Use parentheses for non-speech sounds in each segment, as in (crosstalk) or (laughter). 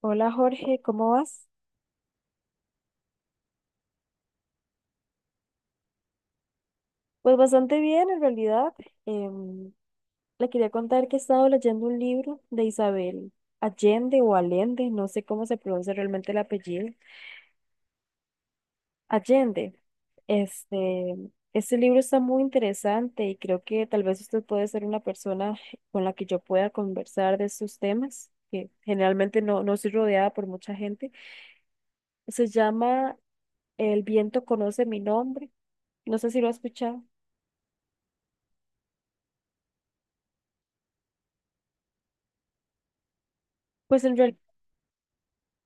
Hola Jorge, ¿cómo vas? Pues bastante bien en realidad. Em, Le quería contar que he estado leyendo un libro de Isabel Allende o Allende, no sé cómo se pronuncia realmente el apellido. Allende. Este, este libro está muy interesante y creo que tal vez usted puede ser una persona con la que yo pueda conversar de estos temas, que generalmente no soy rodeada por mucha gente. Se llama El viento conoce mi nombre. No sé si lo ha escuchado. Pues en realidad...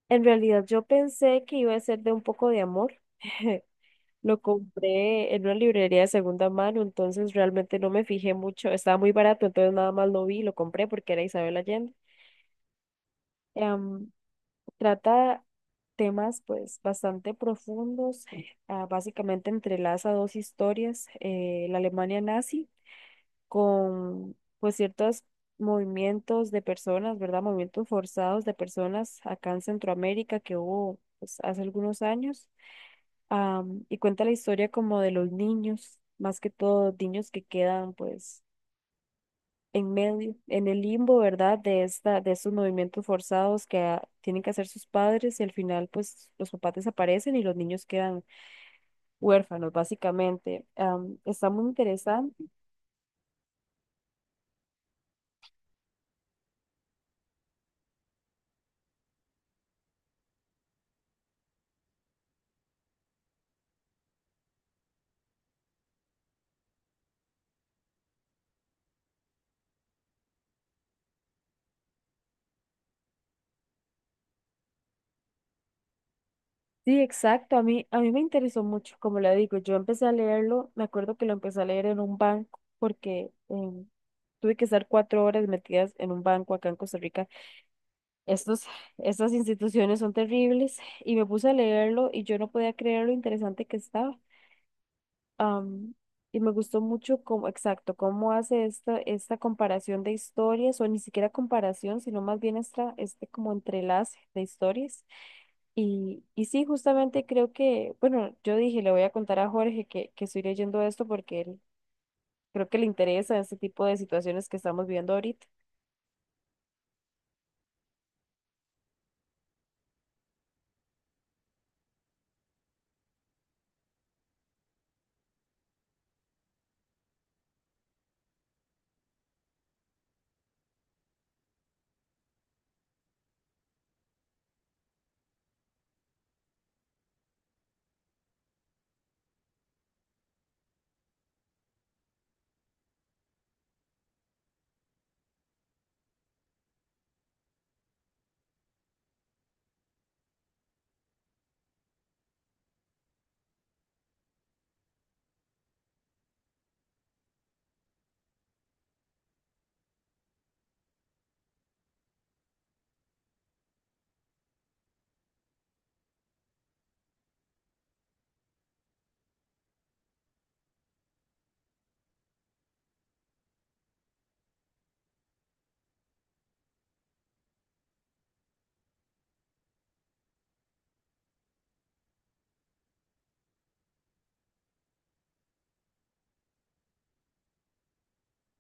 En realidad yo pensé que iba a ser de un poco de amor. (laughs) Lo compré en una librería de segunda mano, entonces realmente no me fijé mucho. Estaba muy barato, entonces nada más lo vi y lo compré porque era Isabel Allende. Em, Trata temas pues bastante profundos. (laughs) Básicamente entrelaza dos historias, la Alemania nazi con pues ciertos movimientos de personas, ¿verdad? Movimientos forzados de personas acá en Centroamérica que hubo pues, hace algunos años, y cuenta la historia como de los niños, más que todo niños que quedan pues en medio, en el limbo, ¿verdad? De de estos movimientos forzados que tienen que hacer sus padres y al final pues los papás desaparecen y los niños quedan huérfanos básicamente. Está muy interesante. Sí, exacto, a mí me interesó mucho, como le digo, yo empecé a leerlo, me acuerdo que lo empecé a leer en un banco porque... tuve que estar cuatro horas metidas en un banco acá en Costa Rica. Estos, Estas instituciones son terribles y me puse a leerlo y yo no podía creer lo interesante que estaba. Am, y me gustó mucho cómo, exacto, cómo hace esta comparación de historias, o ni siquiera comparación, sino más bien este como entrelace de historias. Y sí, justamente creo que, bueno, yo dije, le voy a contar a Jorge que estoy leyendo esto porque él creo que le interesa este tipo de situaciones que estamos viviendo ahorita.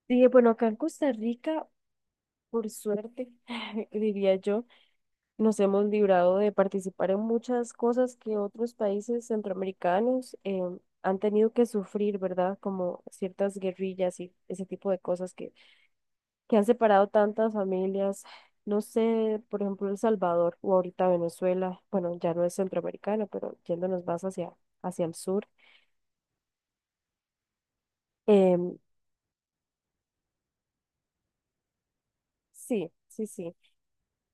Dije, bueno, acá en Costa Rica, por suerte, (laughs) diría yo. Nos hemos librado de participar en muchas cosas que otros países centroamericanos han tenido que sufrir, ¿verdad? Como ciertas guerrillas y ese tipo de cosas que han separado tantas familias. No sé, por ejemplo, El Salvador o ahorita Venezuela, bueno, ya no es centroamericano, pero yéndonos más hacia el sur. Em, sí, sí, sí.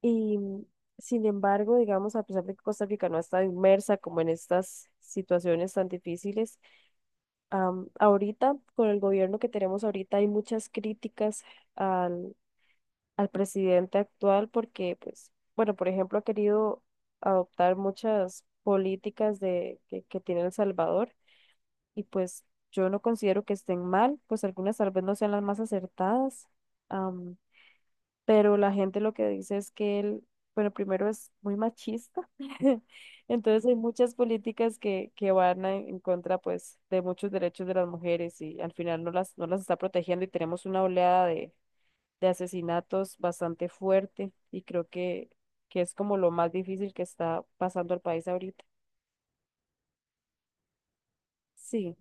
Y sin embargo, digamos, a pesar de que Costa Rica no está inmersa como en estas situaciones tan difíciles. Ahorita, con el gobierno que tenemos ahorita, hay muchas críticas al, al presidente actual porque, pues, bueno, por ejemplo, ha querido adoptar muchas políticas que tiene El Salvador y pues yo no considero que estén mal, pues algunas tal vez no sean las más acertadas, pero la gente lo que dice es que él, bueno, primero es muy machista, (laughs) entonces hay muchas políticas que van a- en contra, pues, de muchos derechos de las mujeres y al final no las está protegiendo y tenemos una oleada de asesinatos bastante fuerte y creo que es como lo más difícil que está pasando al país ahorita. Sí,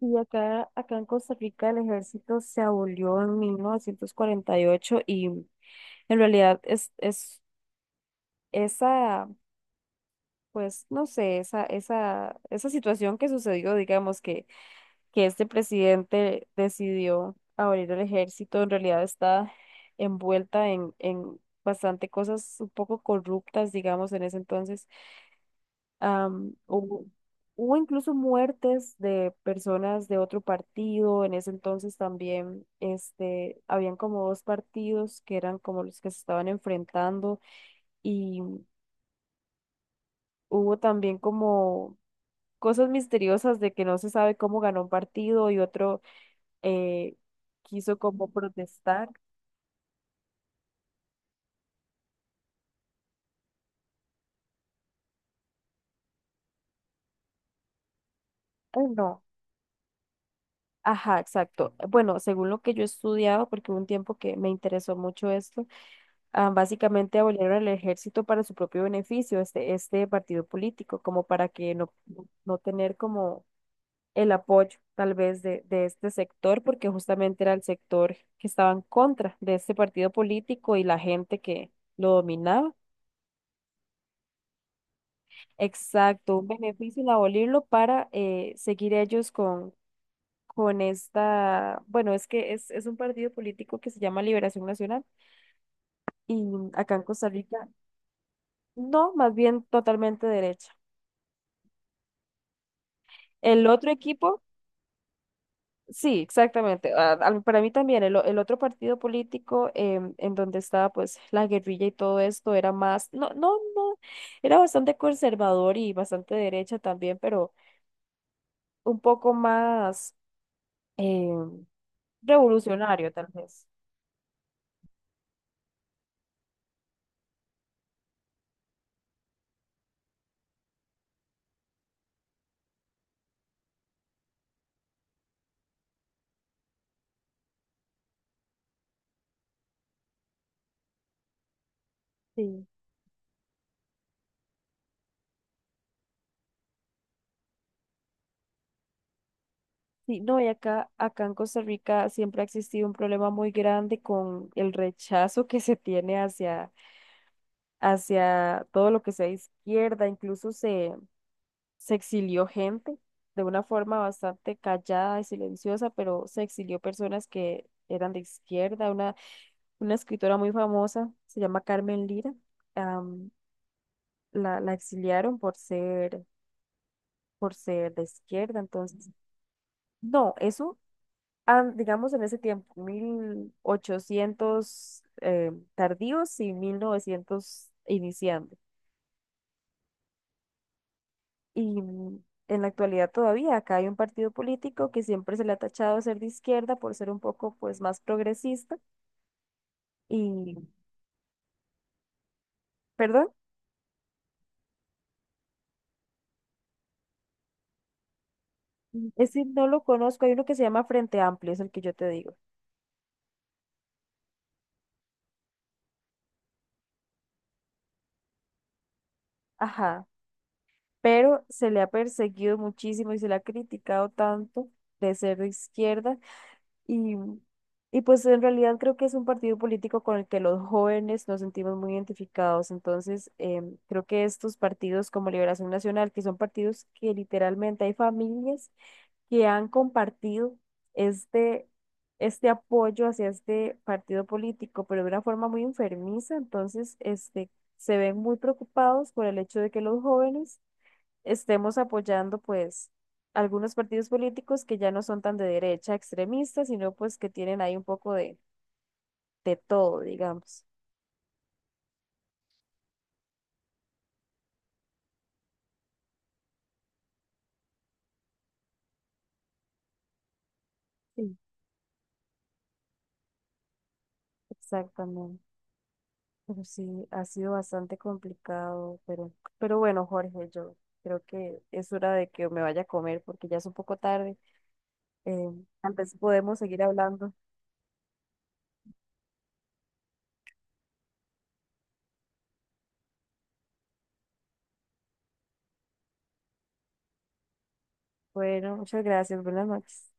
y acá en Costa Rica el ejército se abolió en 1948 y en realidad es esa, pues no sé, esa situación que sucedió, digamos, que este presidente decidió abrir el ejército, en realidad está envuelta en bastante cosas un poco corruptas, digamos, en ese entonces. Am, hubo, Hubo incluso muertes de personas de otro partido, en ese entonces también, este, habían como dos partidos que eran como los que se estaban enfrentando y hubo también como cosas misteriosas de que no se sabe cómo ganó un partido y otro eh, quiso como protestar. No, ajá, exacto. Bueno, según lo que yo he estudiado, porque hubo un tiempo que me interesó mucho esto, básicamente abolieron el ejército para su propio beneficio, este partido político, como para que no tener como el apoyo tal vez de este sector, porque justamente era el sector que estaba en contra de este partido político y la gente que lo dominaba. Exacto, un beneficio el abolirlo para seguir ellos con esta, bueno, es que es un partido político que se llama Liberación Nacional y acá en Costa Rica, no, más bien totalmente derecha. El otro equipo, sí, exactamente, para mí también, el otro partido político en donde estaba pues la guerrilla y todo esto era más, no, no, no, era bastante conservador y bastante derecha también, pero un poco más... em, revolucionario, tal vez. Sí, sí, no, y acá en Costa Rica siempre ha existido un problema muy grande con el rechazo que se tiene hacia, hacia todo lo que sea izquierda, incluso se exilió gente de una forma bastante callada y silenciosa, pero se exilió personas que eran de izquierda, una escritora muy famosa, se llama Carmen Lira, am, la exiliaron por ser de izquierda, entonces, no, eso, digamos en ese tiempo, 1800 tardíos y 1900 iniciando. Y en la actualidad todavía acá hay un partido político que siempre se le ha tachado de ser de izquierda por ser un poco pues más progresista y, perdón, ese no lo conozco, hay uno que se llama Frente Amplio, es el que yo te digo. Ajá, pero se le ha perseguido muchísimo y se le ha criticado tanto de ser de izquierda. Y, y pues en realidad creo que es un partido político con el que los jóvenes nos sentimos muy identificados. Entonces, creo que estos partidos como Liberación Nacional, que son partidos que literalmente hay familias que han compartido este, este apoyo hacia este partido político, pero de una forma muy enfermiza. Entonces, este, se ven muy preocupados por el hecho de que los jóvenes estemos apoyando pues algunos partidos políticos que ya no son tan de derecha extremista, sino pues que tienen ahí un poco de todo, digamos. Sí. Exactamente. Pero sí, ha sido bastante complicado, pero bueno, Jorge, yo creo que es hora de que me vaya a comer porque ya es un poco tarde. Eh, Tal vez podemos seguir hablando. Bueno, muchas gracias, buenas noches.